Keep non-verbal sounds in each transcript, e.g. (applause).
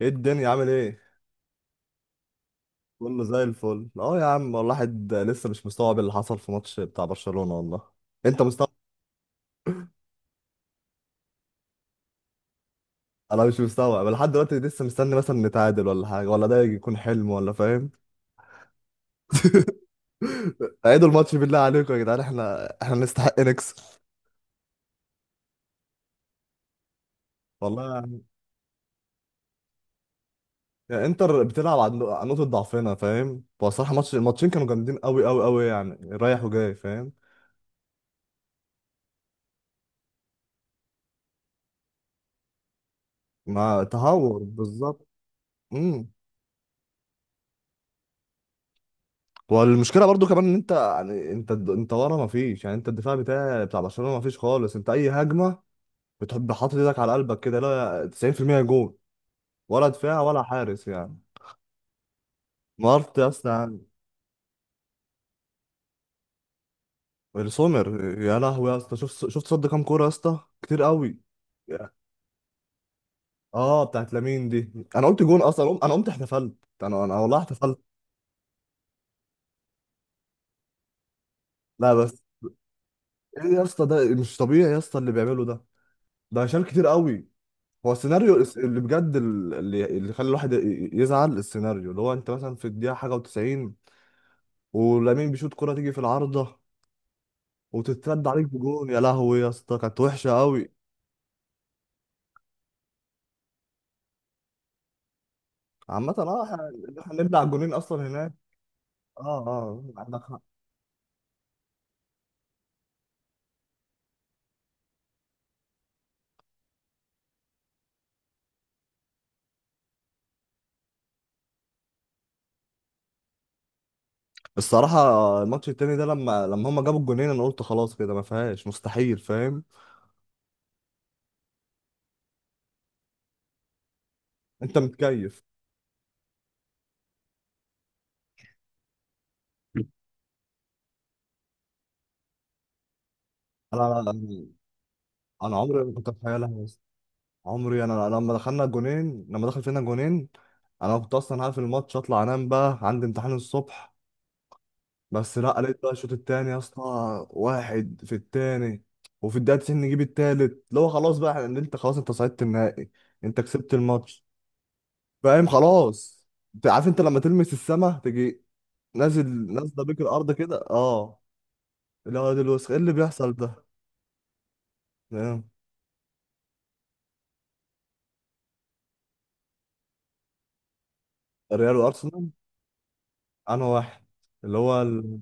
ايه الدنيا عامل ايه؟ كله زي الفل اه يا عم والله، الواحد لسه مش مستوعب اللي حصل في ماتش بتاع برشلونة والله. انت مستوعب؟ انا مش مستوعب لحد دلوقتي، لسه مستني مثلا نتعادل ولا حاجة، ولا ده يكون حلم، ولا فاهم. (laughs) عيدوا الماتش بالله عليكم يا جدعان، احنا نستحق نكسب. والله يعني. يعني انتر بتلعب عن نقطة ضعفنا، فاهم. هو الصراحة ماتش، الماتشين كانوا جامدين قوي قوي قوي يعني، رايح وجاي، فاهم. مع تهور بالظبط. إمم. والمشكله برضو كمان ان انت يعني انت ورا ما فيش، يعني انت الدفاع بتاع برشلونه ما فيش خالص. انت اي هجمه بتحب، حاطط ايدك على قلبك كده، لا 90% جول. ولا دفاع ولا حارس يعني. مارت يا اسطى يعني. السومر يا لهوي يا اسطى، شفت صد كام كوره يا اسطى، كتير قوي. اه بتاعت لامين دي، انا قلت جون اصلا، انا قمت احتفلت. انا والله احتفلت. لا بس. ايه يا اسطى، ده مش طبيعي يا اسطى اللي بيعمله ده، ده شال كتير قوي. هو السيناريو اللي بجد اللي خلى الواحد يزعل، السيناريو اللي هو انت مثلا في الدقيقه حاجه و90، ولامين بيشوط كره تيجي في العارضه وتترد عليك بجون، يا لهوي يا اسطى كانت وحشه قوي. عامه اه احنا، إحنا بنبلع الجونين اصلا هناك. اه. اه عندك حق. الصراحه الماتش التاني ده لما هما جابوا الجونين انا قلت خلاص كده ما فيهاش، مستحيل، فاهم. انت متكيف. انا انا عمري ما كنت اتخيلها. عمري، انا لما دخلنا الجونين، لما دخل فينا جونين، انا كنت اصلا هقفل الماتش اطلع انام، بقى عندي امتحان الصبح. بس لا، لقيت بقى الشوط التاني يا اسطى، واحد في التاني، وفي الدقيقه 90 نجيب التالت اللي هو خلاص بقى، انت خلاص انت صعدت النهائي، انت كسبت الماتش. فاهم خلاص. انت عارف انت لما تلمس السما تجي نازل، نازله بيك الارض كده اه، اللي هو ده الوسخ ايه اللي بيحصل ده. فاهم؟ الريال وارسنال. انا واحد، اللي هو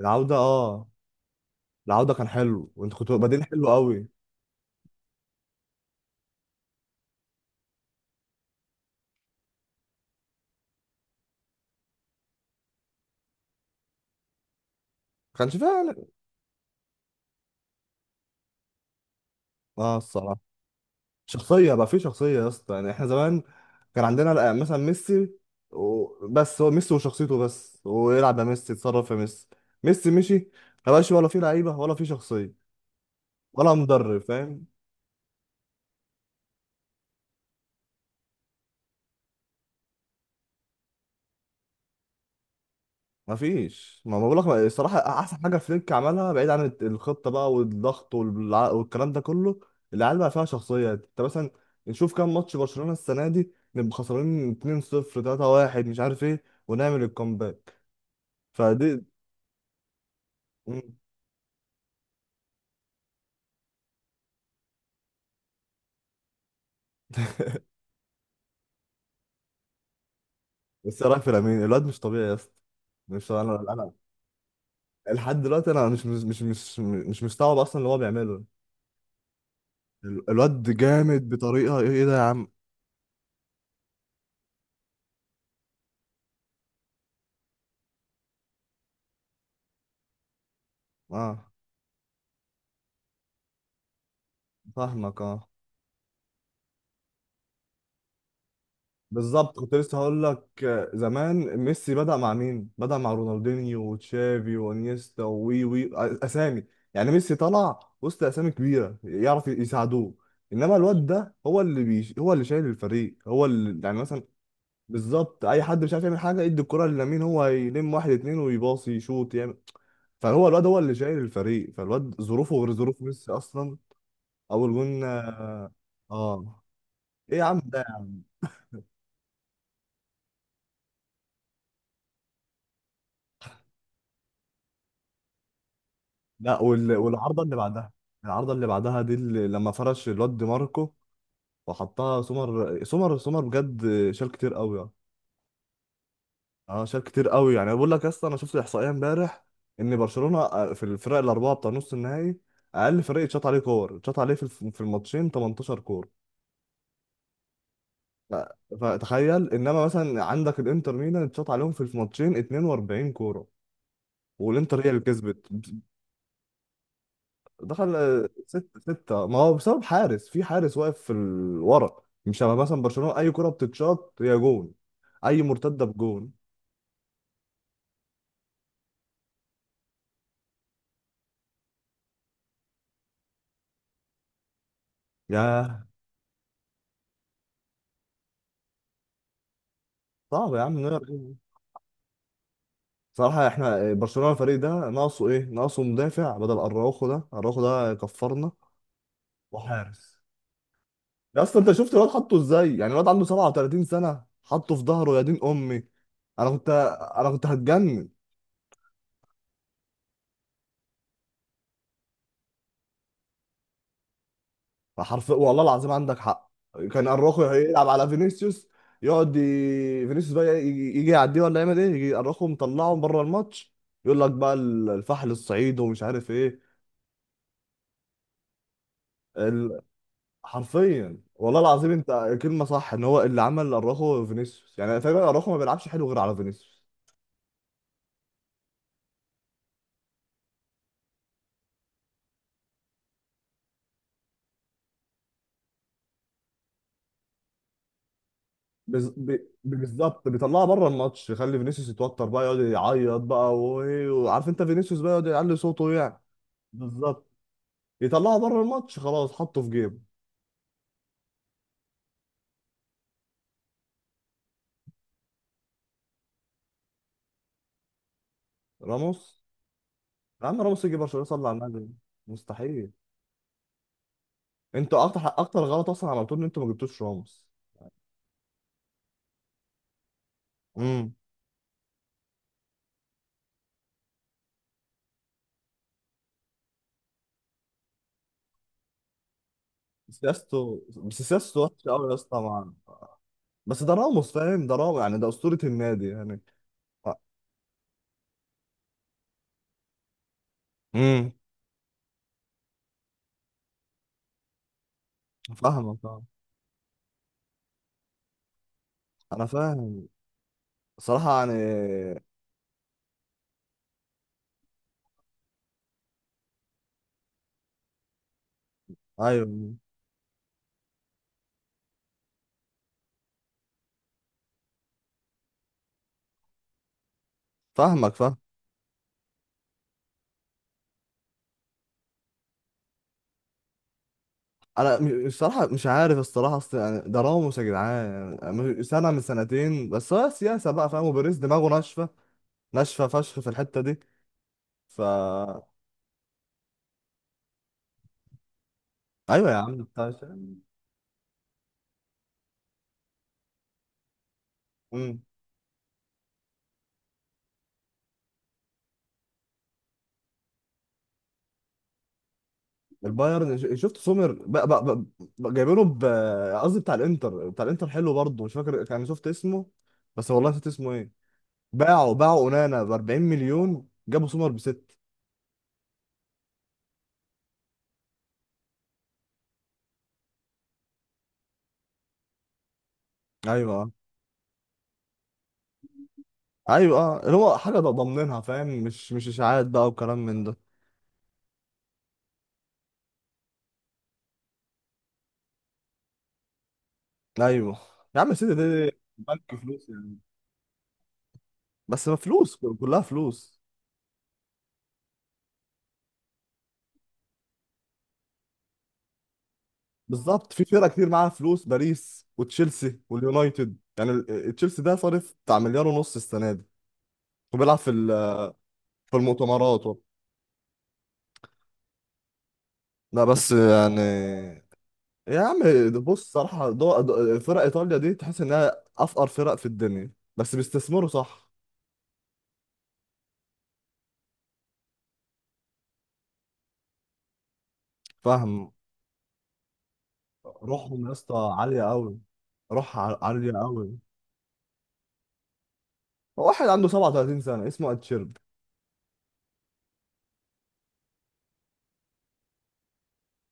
العوده اه، العودة كان حلو، وانتوا كنتوا بادئين حلو قوي. ما كانش فعلا. اه الصراحة. شخصية بقى، في شخصية يا اسطى يعني. احنا زمان كان عندنا لا، مثلا ميسي، بس هو ميسي وشخصيته بس، ويلعب يا ميسي، يتصرف يا ميسي. ميسي مشي، ما بقاش ولا في لعيبة ولا في شخصية ولا مدرب، فاهم. ما فيش، ما بقول لك الصراحه احسن حاجه فليك عملها، بعيد عن الخطه بقى والضغط والكلام ده كله. العيال بقى فيها شخصيه. انت مثلا نشوف كام ماتش برشلونه السنه دي نبقى خسرانين 2-0، 3-1، مش عارف ايه، ونعمل الكومباك. فدي. مم. بس إيه رايك في لامين؟ الواد مش طبيعي يا اسطى. مش انا، لحد دلوقتي انا مش مستوعب اصلا اللي هو بيعمله. الواد جامد بطريقه، ايه إيه ده يا عم. اه فاهمك أه. بالظبط كنت لسه هقول لك. آه، زمان ميسي بدأ مع مين؟ بدأ مع رونالدينيو وتشافي وانيستا ووي وي آه، اسامي، يعني ميسي طلع وسط اسامي كبيره يعرف يساعدوه. انما الواد ده هو اللي هو اللي شايل الفريق، هو اللي يعني مثلا، بالظبط. اي حد مش عارف يعمل حاجه يدي الكره للامين، هو يلم واحد اتنين ويباصي، يشوط، يعمل. فهو الواد هو اللي شايل الفريق، فالواد ظروفه غير ظروف ميسي اصلا. اول جون، اه، ايه يا عم ده. لا والعارضه اللي بعدها. العارضه اللي بعدها دي، اللي لما فرش الواد دي ماركو وحطها، سمر سمر سمر بجد، شال كتير قوي يعني. اه شال كتير قوي يعني. بقول لك يا اسطى، انا شفت الاحصائيه امبارح، ان برشلونه آه، في الفرق الاربعه بتاع نص النهائي اقل فريق اتشاط عليه كور، اتشاط عليه في في الماتشين 18 كور. ف- فتخيل انما مثلا عندك الانتر ميلان اتشاط عليهم في الماتشين 42 كوره، والانتر هي اللي كسبت. دخل آه، ستة ستة، ما هو بسبب حارس، في حارس واقف في ورا. مش شبه مثلا برشلونة، أي كرة بتتشاط هي جون، أي مرتدة بجون. ياه. صعب يا عم، نقدر إيه؟ صراحة احنا برشلونة الفريق ده ناقصه ايه؟ ناقصه مدافع بدل اراوخو ده، اراوخو ده كفرنا، وحارس. يا اسطى انت شفت الواد حطه ازاي؟ يعني الواد عنده 37 سنة حطه في ظهره يا دين امي. انا كنت انا كنت هتجنن. فحرف والله العظيم عندك حق، كان اراخو يلعب على فينيسيوس، يقعد فينيسيوس بقى يجي يعديه ولا يعمل ايه، يجي اراخو مطلعه بره الماتش، يقول لك بقى الفحل الصعيد ومش عارف ايه. ال... حرفيا والله العظيم انت كلمه صح، ان هو اللي عمل اراخو فينيسيوس. يعني تقريبا اراخو ما بيلعبش حلو غير على فينيسيوس. بالظبط بيطلعه بره الماتش، يخلي فينيسيوس يتوتر بقى، يقعد يعيط بقى وإيه، وعارف انت فينيسيوس بقى يقعد يعلي صوته يعني. بالظبط، يطلعه بره الماتش خلاص، حطه في جيب. راموس، يا عم راموس يجي برشلونة صلى على النبي، مستحيل. انتوا اكتر، اكتر غلط اصلا عملتوه ان انتوا ما جبتوش راموس. امم. سياسته، بس سياسته وحشه قوي يا اسطى بس ده راموس، فاهم؟ ده راموس يعني، ده اسطورة النادي يعني. امم. فاهمك فاهم. انا فاهم. صراحة يعني. ايوه. فاهمك فاهم. الصراحة مش عارف، الصراحة اصل يعني ده راموس يا جدعان، يعني سنة من سنتين بس، هو سياسة بقى فاهم، وبيريز دماغه ناشفة، ناشفة فشخ في الحتة دي. ف. ايوه يا عم بتاع الشام. امم. البايرن، شفت سومر؟ بقى جايبينه ب، قصدي بتاع الانتر. بتاع الانتر حلو برضه، مش فاكر، كان شفت اسمه بس والله نسيت اسمه ايه. باعوا اونانا ب 40 مليون، جابوا سومر بست. ايوه. ايوه اه، اللي هو حاجه ضامنينها فاهم، مش مش اشاعات بقى وكلام من ده. ايوه يا عم سيدي ده ده. بنك فلوس يعني، بس ما فلوس، كلها فلوس. بالظبط، في فرق كتير معاها فلوس، باريس وتشيلسي واليونايتد يعني آه، تشيلسي ده صارف بتاع مليار ونص السنه دي، وبيلعب في في المؤتمرات لا بس يعني. يا عم ده بص صراحه، فرق ايطاليا دي تحس انها افقر فرق في الدنيا، بس بيستثمروا صح. فاهم. روحهم يا اسطى عاليه قوي، روح عاليه قوي. واحد عنده 37 سنه اسمه اتشيرب،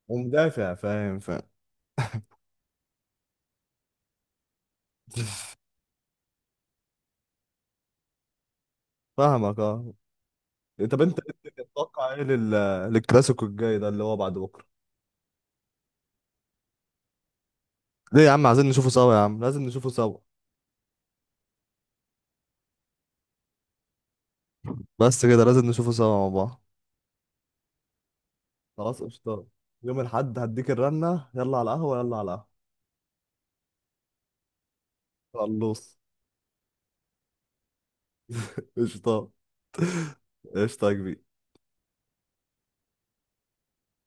ومدافع، فاهم فاهم. (laughs) فاهمك اه. إيه، طب انت، انت تتوقع ايه للكلاسيكو الجاي ده اللي هو بعد بكره؟ ليه يا عم؟ عايزين نشوفه سوا يا عم، لازم نشوفه سوا، بس كده لازم نشوفه سوا مع بعض. خلاص قشطة. يوم الاحد هديك الرنه، يلا على القهوه، يلا على القهوه. خلص. قشطة. قشطة يا كبير.